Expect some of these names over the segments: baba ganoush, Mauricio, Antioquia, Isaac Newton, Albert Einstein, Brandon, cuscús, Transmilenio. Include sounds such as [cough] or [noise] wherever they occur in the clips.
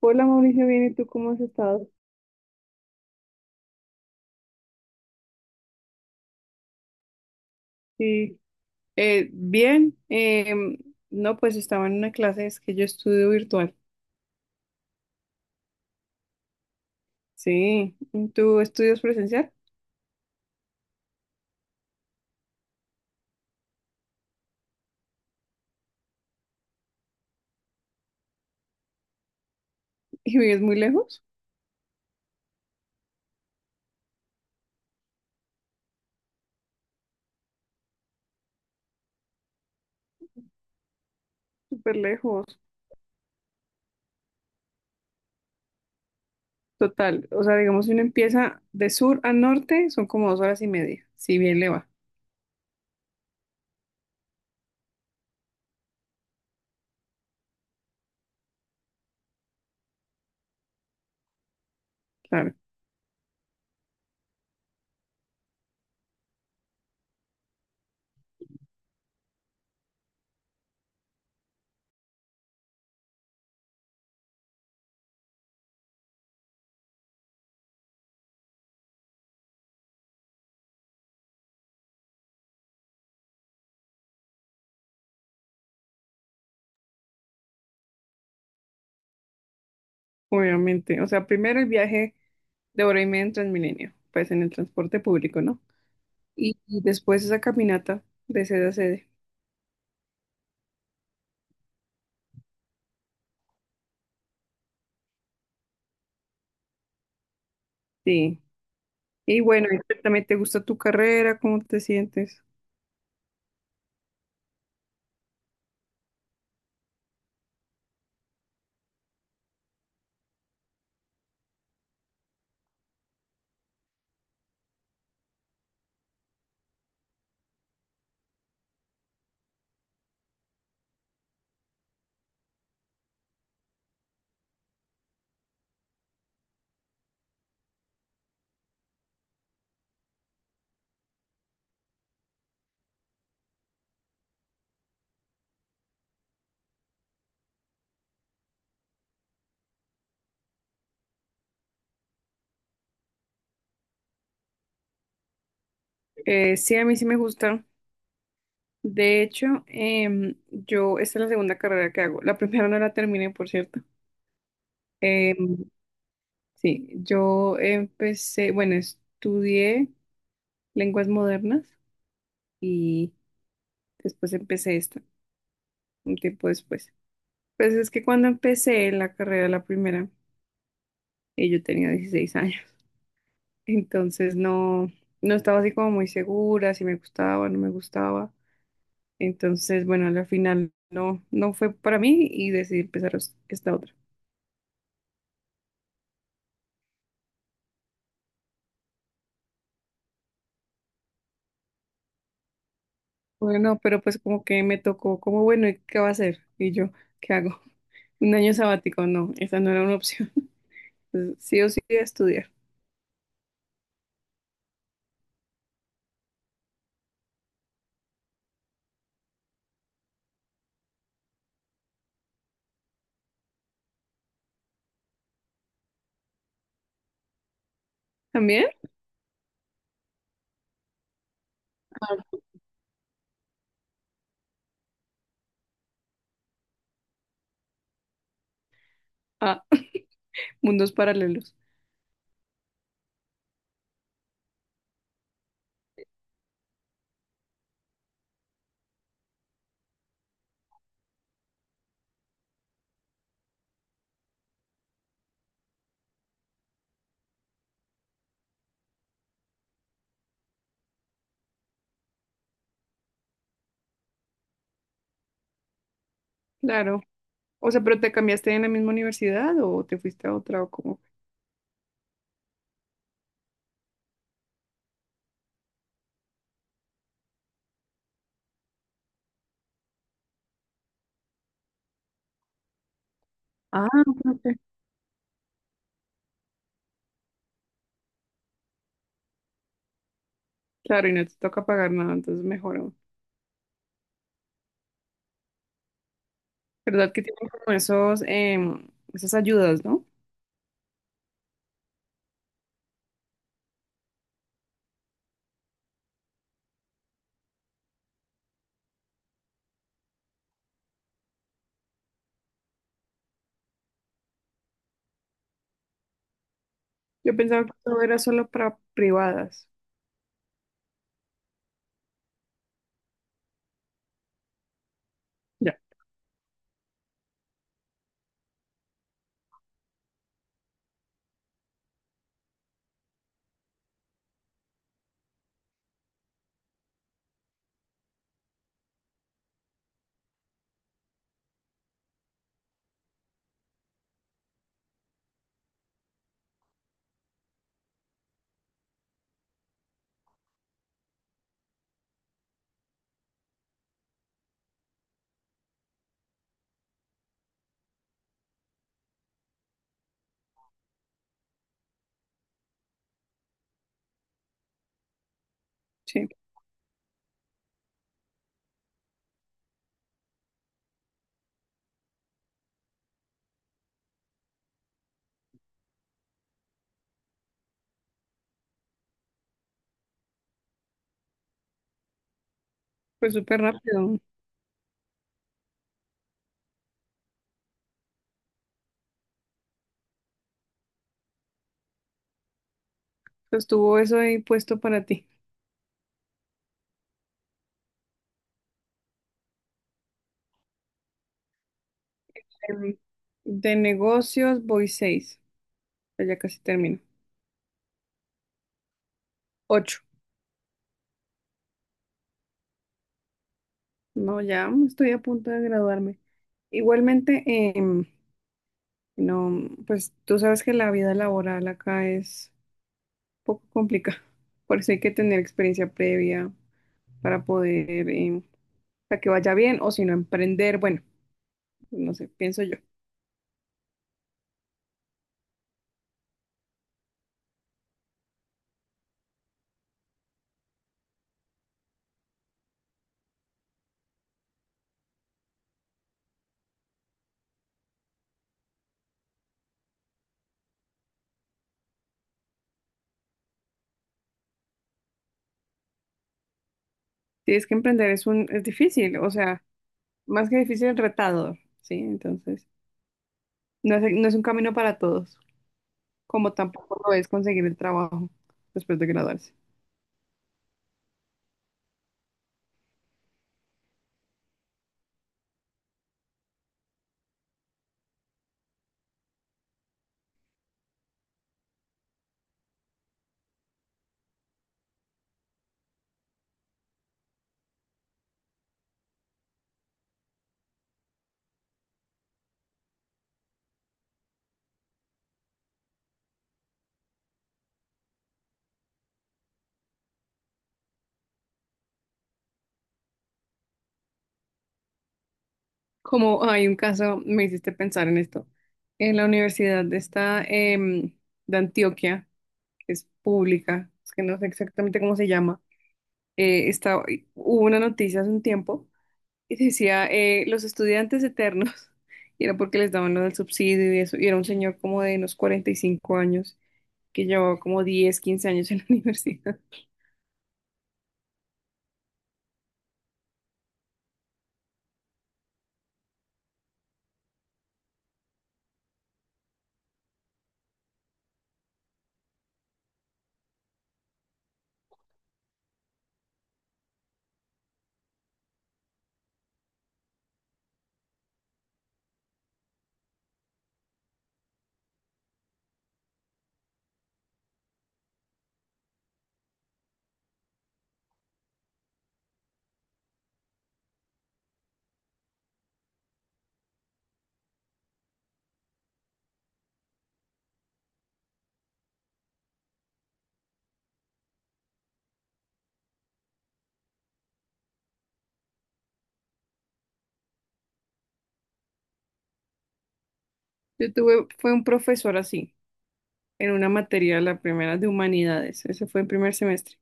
Hola Mauricio, bien, ¿y tú cómo has estado? Sí, bien. No, pues estaba en una clase, es que yo estudio virtual. Sí, ¿tú estudias presencial [laughs] y vives muy lejos? Súper lejos. Total, o sea, digamos, si uno empieza de sur a norte, son como 2 horas y media, si bien le va, claro, obviamente. O sea, primero el viaje de 1 hora y media en Transmilenio, pues en el transporte público, ¿no? Y después esa caminata de sede a sede. Sí. Y bueno, ¿y también te gusta tu carrera, cómo te sientes? Sí, a mí sí me gusta. De hecho, yo, esta es la segunda carrera que hago. La primera no la terminé, por cierto. Em, sí, yo empecé, bueno, estudié lenguas modernas y después empecé esta, un tiempo después. Pues es que cuando empecé la carrera, la primera, yo tenía 16 años, [laughs] entonces no, no estaba así como muy segura si me gustaba o no me gustaba. Entonces, bueno, al final no, no fue para mí y decidí empezar esta otra. Bueno, pero pues como que me tocó, como bueno, ¿y qué va a hacer? Y yo, ¿qué hago? [laughs] Un año sabático, no, esa no era una opción. [laughs] Entonces, sí o sí a estudiar. ¿También? Ah, mundos paralelos. Claro. O sea, ¿pero te cambiaste en la misma universidad o te fuiste a otra o cómo? Ah, ok. Ok. Claro, y no te toca pagar nada, entonces mejor aún. ¿Verdad que tienen como esos, esas ayudas, ¿no? Yo pensaba que todo era solo para privadas. Ya. Sí, pues súper rápido. Estuvo eso ahí puesto para ti. Em, De negocios voy 6. Pues ya casi termino. 8. No, ya estoy a punto de graduarme. Igualmente, no, pues tú sabes que la vida laboral acá es poco complicado. Por eso hay que tener experiencia previa para poder, para que vaya bien, o si no, emprender, bueno, no sé, pienso yo. Si es que emprender es difícil, o sea, más que difícil, retador, ¿sí? Entonces, no es un camino para todos, como tampoco lo es conseguir el trabajo después de graduarse. Como hay un caso, me hiciste pensar en esto. En la universidad de esta, de Antioquia, que es pública, es que no sé exactamente cómo se llama. eh, estaba- hubo una noticia hace un tiempo y decía, los estudiantes eternos, [laughs] y era porque les daban lo del subsidio y eso, y era un señor como de unos 45 años que llevaba como 10 15 años en la [laughs] universidad. Yo tuve, fue un profesor así, en una materia, la primera de humanidades, ese fue el primer semestre,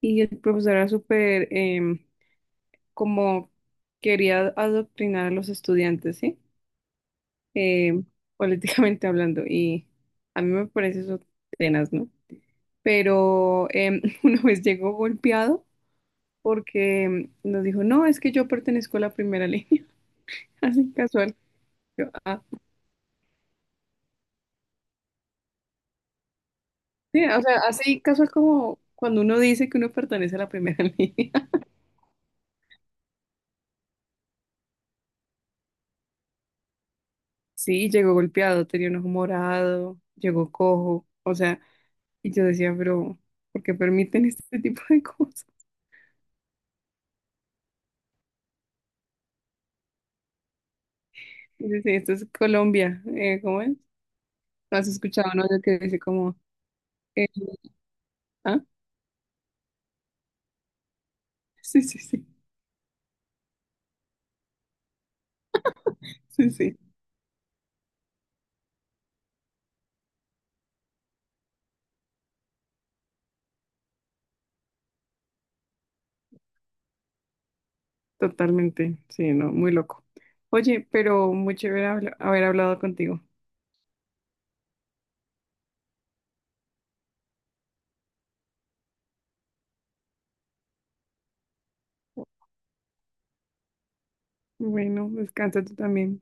y el profesor era súper, como quería adoctrinar a los estudiantes, ¿sí? Em, [laughs] políticamente hablando, y a mí me parece eso tenaz, ¿no? Pero [laughs] una vez llegó golpeado porque nos dijo, no, es que yo pertenezco a la primera línea, [laughs] así casual. Yo, "Ah, sí", o sea, así casual como cuando uno dice que uno pertenece a la primera [laughs] línea. Sí, llegó golpeado, tenía un ojo morado, llegó cojo, o sea, y yo decía, pero, ¿por qué permiten [laughs] este tipo de cosas? Y dice, esto es Colombia, ¿cómo es? ¿No has escuchado, no? Lo que dice como, eh, ah, sí, sí, sí, sí, sí. Totalmente, sí, no, muy loco. Oye, pero muy chévere haber hablado contigo. Bueno, descansa tú también.